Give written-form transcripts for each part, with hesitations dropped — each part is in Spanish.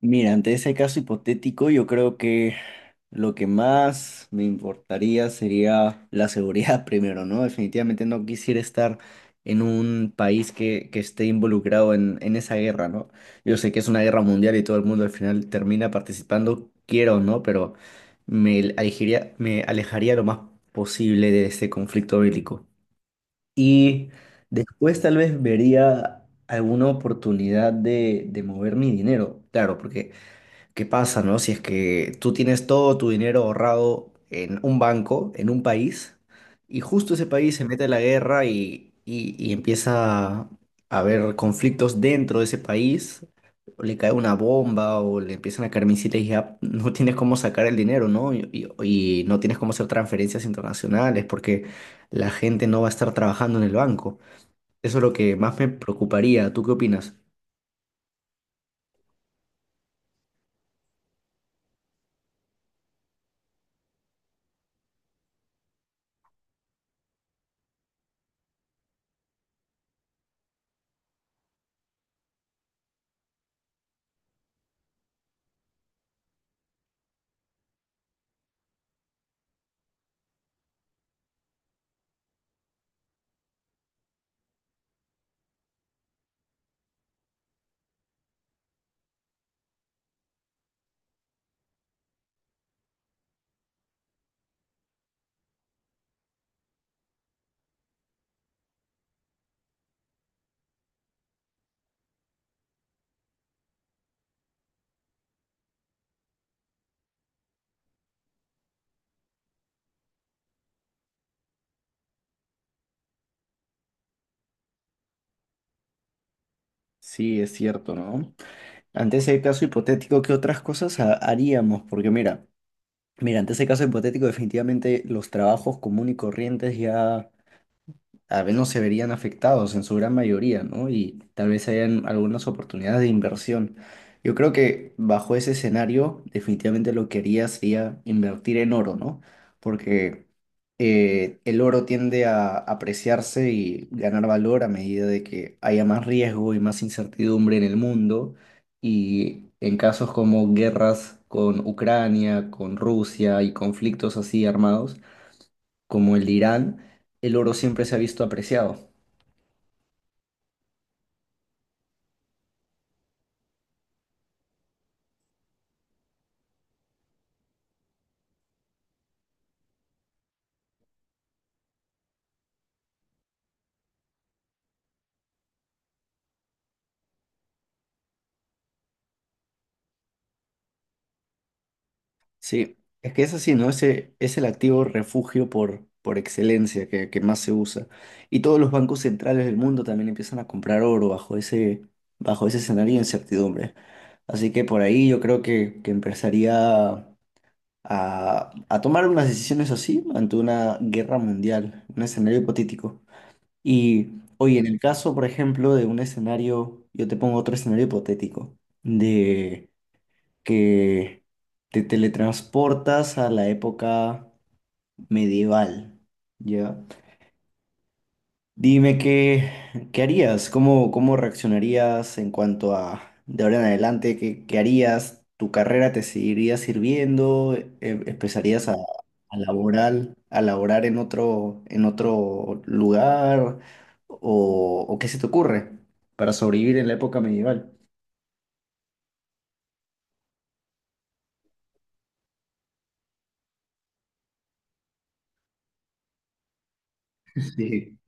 Mira, ante ese caso hipotético, yo creo que lo que más me importaría sería la seguridad primero, ¿no? Definitivamente no quisiera estar en un país que esté involucrado en esa guerra, ¿no? Yo sé que es una guerra mundial y todo el mundo al final termina participando, quiero o no, pero me alejaría lo más posible de este conflicto bélico. Y después tal vez vería alguna oportunidad de mover mi dinero, claro, porque ¿qué pasa, no? Si es que tú tienes todo tu dinero ahorrado en un banco, en un país, y justo ese país se mete a la guerra y empieza a haber conflictos dentro de ese país, o le cae una bomba o le empiezan a caer misiles y ya no tienes cómo sacar el dinero, ¿no? Y no tienes cómo hacer transferencias internacionales porque la gente no va a estar trabajando en el banco. Eso es lo que más me preocuparía. ¿Tú qué opinas? Sí, es cierto, ¿no? Ante ese caso hipotético, ¿qué otras cosas haríamos? Porque mira, ante ese caso hipotético, definitivamente los trabajos común y corrientes ya al menos se verían afectados en su gran mayoría, ¿no? Y tal vez hayan algunas oportunidades de inversión. Yo creo que bajo ese escenario, definitivamente lo que haría sería invertir en oro, ¿no? Porque el oro tiende a apreciarse y ganar valor a medida de que haya más riesgo y más incertidumbre en el mundo. Y en casos como guerras con Ucrania, con Rusia y conflictos así armados como el de Irán, el oro siempre se ha visto apreciado. Sí, es que es así, ¿no? Ese es el activo refugio por excelencia que más se usa. Y todos los bancos centrales del mundo también empiezan a comprar oro bajo ese escenario de incertidumbre. Así que por ahí yo creo que empezaría a tomar unas decisiones así ante una guerra mundial, un escenario hipotético. Y oye, en el caso, por ejemplo, de un escenario, yo te pongo otro escenario hipotético, de que te teletransportas a la época medieval, ¿ya? Dime qué harías, cómo reaccionarías en cuanto a de ahora en adelante, qué harías, tu carrera te seguiría sirviendo, empezarías a laborar en otro lugar, o qué se te ocurre para sobrevivir en la época medieval. Sí,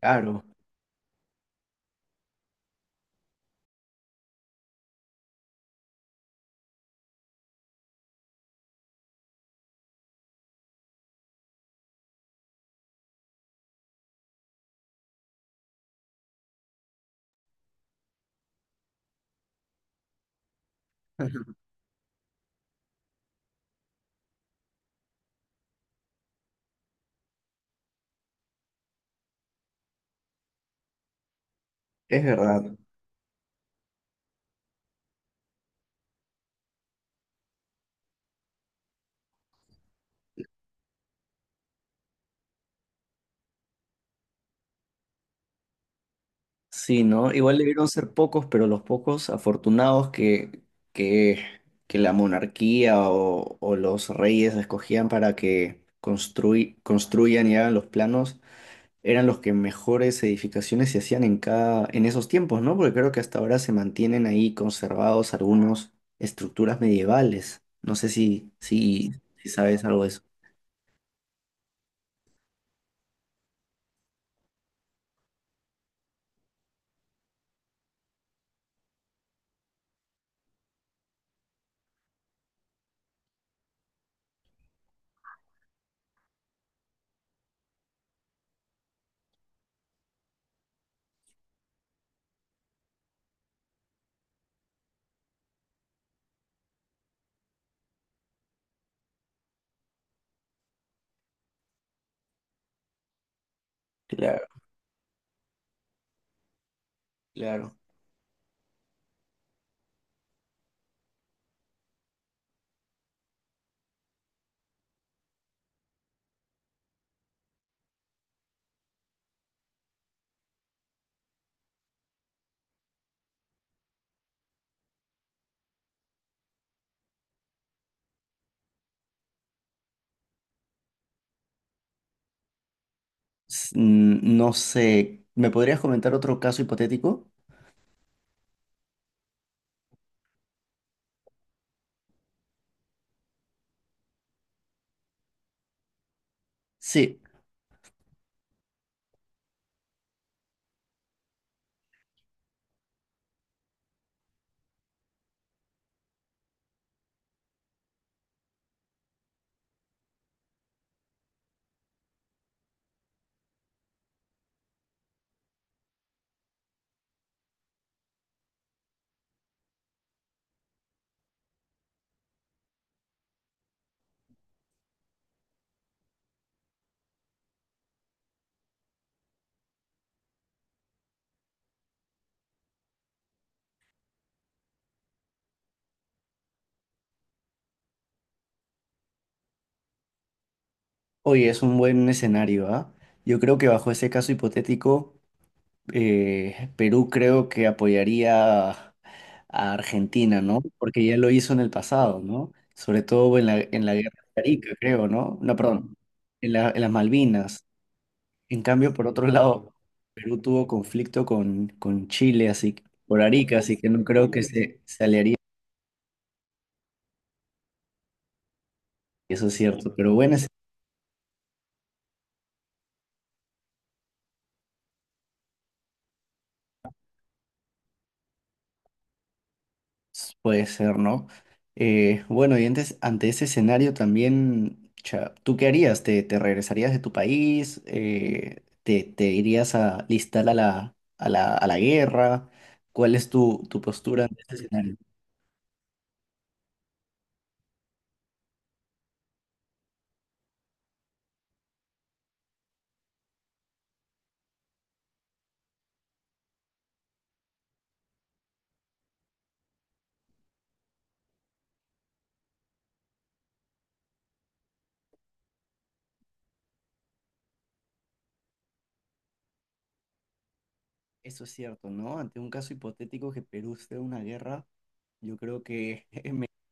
claro, es verdad. Sí, ¿no? Igual debieron ser pocos, pero los pocos afortunados que, que la monarquía o los reyes escogían para que construyan y hagan los planos eran los que mejores edificaciones se hacían en cada, en esos tiempos, ¿no? Porque creo que hasta ahora se mantienen ahí conservados algunos estructuras medievales. No sé si sabes algo de eso. Claro, claro. No sé, ¿me podrías comentar otro caso hipotético? Sí. Oye, es un buen escenario, ¿ah? Yo creo que bajo ese caso hipotético, Perú creo que apoyaría a Argentina, ¿no? Porque ya lo hizo en el pasado, ¿no? Sobre todo en en la guerra de Arica, creo, ¿no? No, perdón, en en las Malvinas. En cambio, por otro lado, Perú tuvo conflicto con Chile, así, por Arica, así que no creo que se aliaría, eso es cierto, pero bueno. Puede ser, ¿no? Bueno, y antes, ante ese escenario también, cha, ¿tú qué harías? Te regresarías de tu país? Te irías a listar a a la guerra? ¿Cuál es tu postura ante este escenario? Eso es cierto, ¿no? Ante un caso hipotético que Perú esté en una guerra, yo creo que